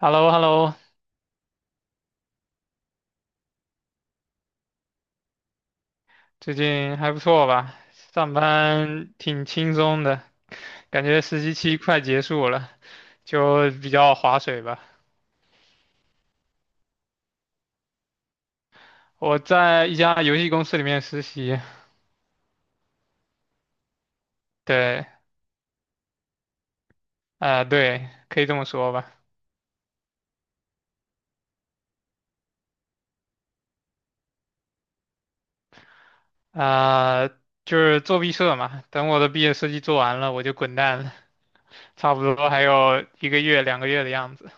h e l l o h e l l o 最近还不错吧？上班挺轻松的，感觉实习期快结束了，就比较划水吧。我在一家游戏公司里面实习，对，对，可以这么说吧，啊、就是做毕设嘛。等我的毕业设计做完了，我就滚蛋了，差不多还有1个月、2个月的样子，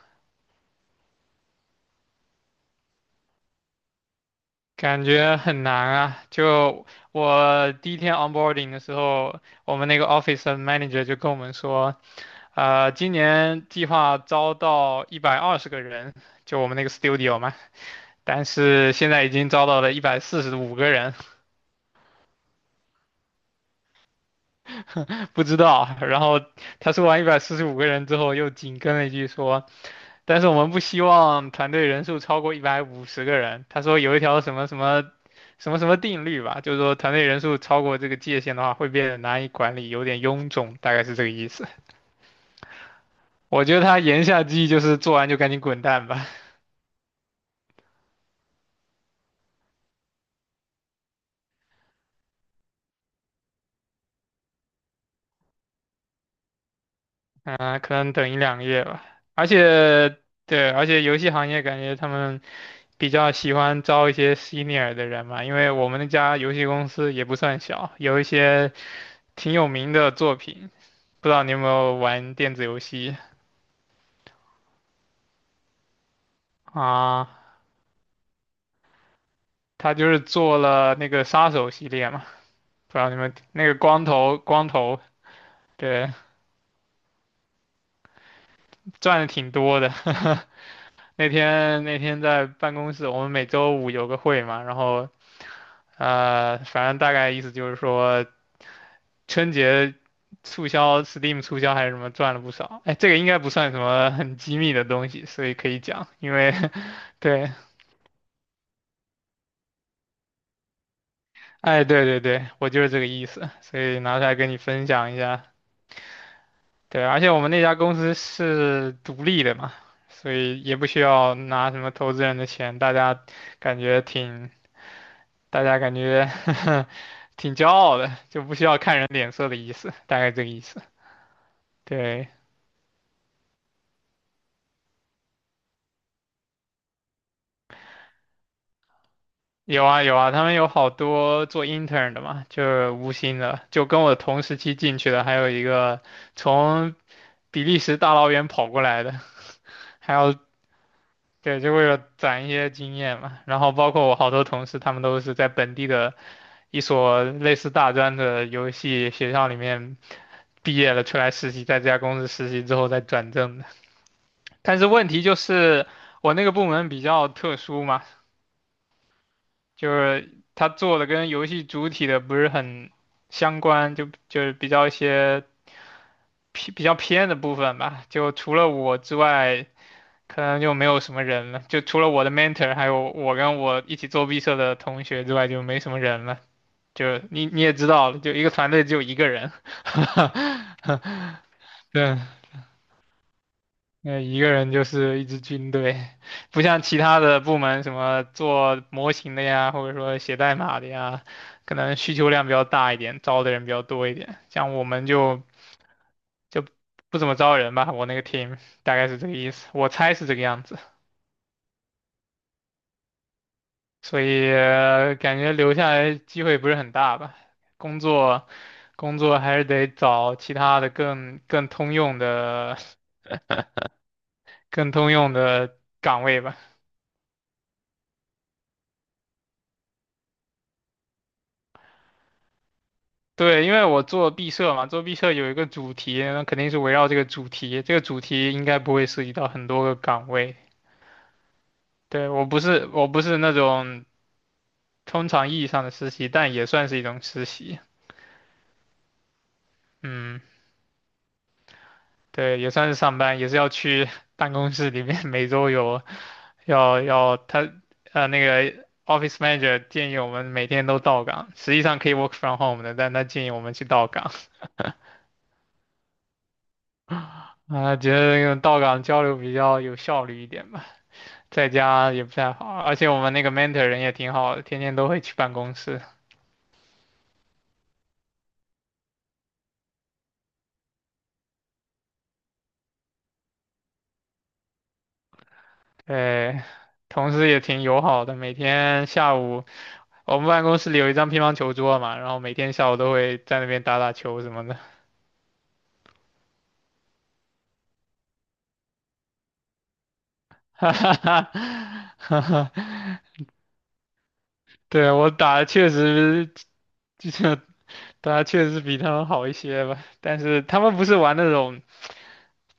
感觉很难啊。就我第一天 onboarding 的时候，我们那个 office 的 manager 就跟我们说。今年计划招到120个人，就我们那个 studio 嘛，但是现在已经招到了一百四十五个人，不知道。然后他说完一百四十五个人之后，又紧跟了一句说，但是我们不希望团队人数超过150个人。他说有一条什么什么什么什么定律吧，就是说团队人数超过这个界限的话，会变得难以管理，有点臃肿，大概是这个意思。我觉得他言下之意就是做完就赶紧滚蛋吧。可能等一两个月吧。而且，对，而且游戏行业感觉他们比较喜欢招一些 senior 的人嘛，因为我们那家游戏公司也不算小，有一些挺有名的作品。不知道你有没有玩电子游戏啊？他就是做了那个杀手系列嘛，不知道你们那个光头，对，赚的挺多的。那天在办公室，我们每周五有个会嘛，然后反正大概意思就是说。春节促销，Steam 促销还是什么赚了不少。哎，这个应该不算什么很机密的东西，所以可以讲。因为 对，哎，对对对，我就是这个意思，所以拿出来跟你分享一下。对，而且我们那家公司是独立的嘛，所以也不需要拿什么投资人的钱，感觉挺，大家感觉 挺骄傲的，就不需要看人脸色的意思，大概这个意思。对，有啊有啊，他们有好多做 intern 的嘛，就是无薪的，就跟我同时期进去的，还有一个从比利时大老远跑过来的，还有对，就为了攒一些经验嘛。然后包括我好多同事，他们都是在本地的一所类似大专的游戏学校里面毕业了，出来实习，在这家公司实习之后再转正的。但是问题就是我那个部门比较特殊嘛。就是他做的跟游戏主体的不是很相关，就是比较偏的部分吧。就除了我之外，可能就没有什么人了。就除了我的 mentor，还有我跟我一起做毕设的同学之外，就没什么人了。就你也知道了，就一个团队只有一个人。对，那一个人就是一支军队，不像其他的部门什么做模型的呀，或者说写代码的呀，可能需求量比较大一点，招的人比较多一点。像我们就就不怎么招人吧，我那个 team 大概是这个意思，我猜是这个样子，所以感觉留下来机会不是很大吧。工作工作还是得找其他的更通用的 更通用的岗位吧。对，因为我做毕设嘛，做毕设有一个主题，那肯定是围绕这个主题。这个主题应该不会涉及到很多个岗位。对，我不是那种通常意义上的实习，但也算是一种实习。嗯，对，也算是上班，也是要去 办公室里面，每周有要要他那个 office manager 建议我们每天都到岗，实际上可以 work from home 的，但他建议我们去到岗啊，觉得那个到岗交流比较有效率一点吧。在家也不太好，而且我们那个 mentor 人也挺好的，天天都会去办公室，对，同事也挺友好的，每天下午我们办公室里有一张乒乓球桌嘛，然后每天下午都会在那边打打球什么的，哈哈哈，哈哈，对，我打的确实就是比他们好一些吧，但是他们不是玩那种。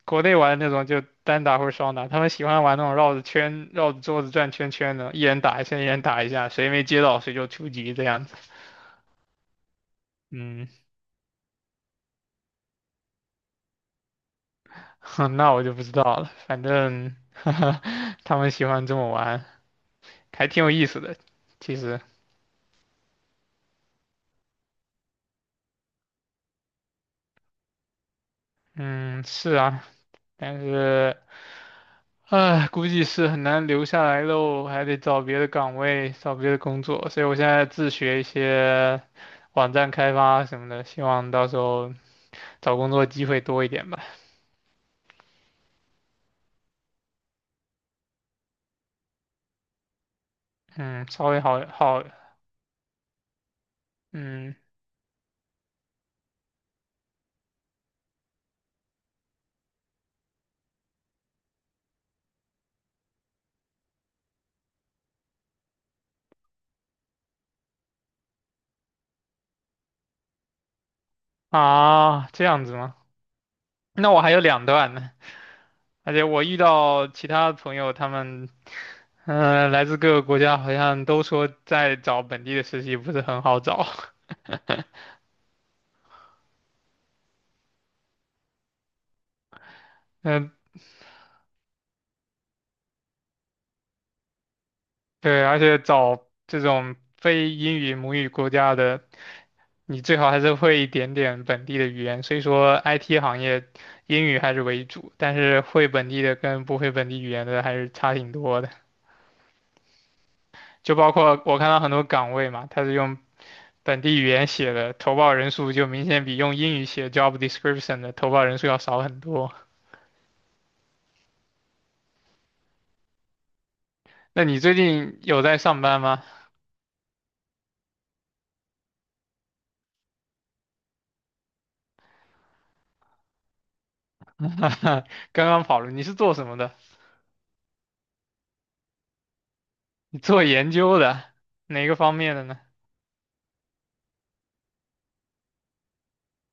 国内玩那种就单打或者双打，他们喜欢玩那种绕着圈、绕着桌子转圈圈的，一人打一下，一人打一下，谁没接到谁就出局这样子。嗯，那我就不知道了，反正 他们喜欢这么玩，还挺有意思的。其实，嗯，是啊，但是，唉，估计是很难留下来喽，还得找别的岗位，找别的工作，所以我现在自学一些网站开发什么的，希望到时候找工作机会多一点吧。嗯，稍微好，嗯啊，这样子吗？那我还有两段呢，而且我遇到其他的朋友，他们嗯、来自各个国家，好像都说在找本地的实习不是很好找。嗯，对，而且找这种非英语母语国家的，你最好还是会一点点本地的语言。所以说，IT 行业英语还是为主，但是会本地的跟不会本地语言的还是差挺多的。就包括我看到很多岗位嘛，它是用本地语言写的，投报人数就明显比用英语写 job description 的投报人数要少很多。那你最近有在上班吗？刚刚跑了，你是做什么的？你做研究的，哪个方面的呢？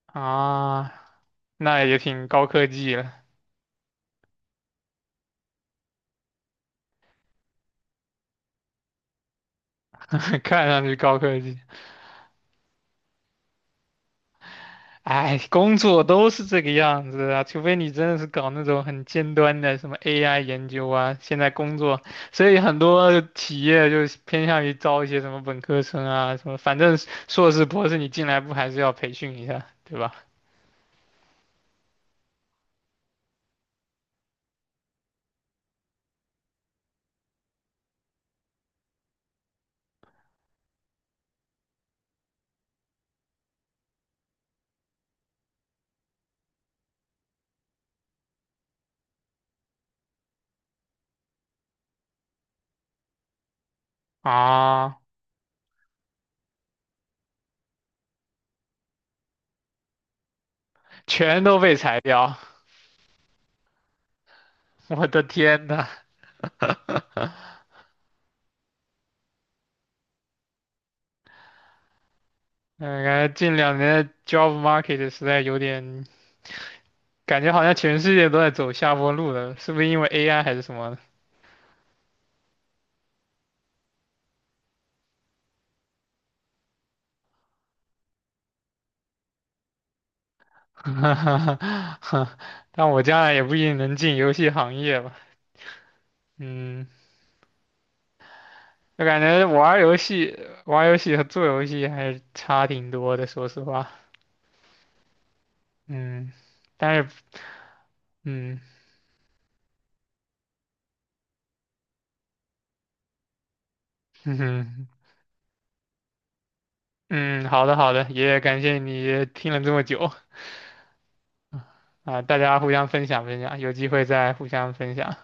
啊，那也挺高科技了，看上去高科技。哎，工作都是这个样子啊，除非你真的是搞那种很尖端的什么 AI 研究啊，现在工作，所以很多企业就是偏向于招一些什么本科生啊，什么反正硕士博士你进来不还是要培训一下，对吧？啊，全都被裁掉，我的天呐，嗯，感觉近2年的 job market 实在有点，感觉好像全世界都在走下坡路了，是不是因为 AI 还是什么 哈哈哈，但我将来也不一定能进游戏行业吧。嗯，我感觉玩儿游戏和做游戏还是差挺多的，说实话。嗯，但是，嗯，嗯嗯，好的好的，也感谢你听了这么久啊，大家互相分享分享，有机会再互相分享。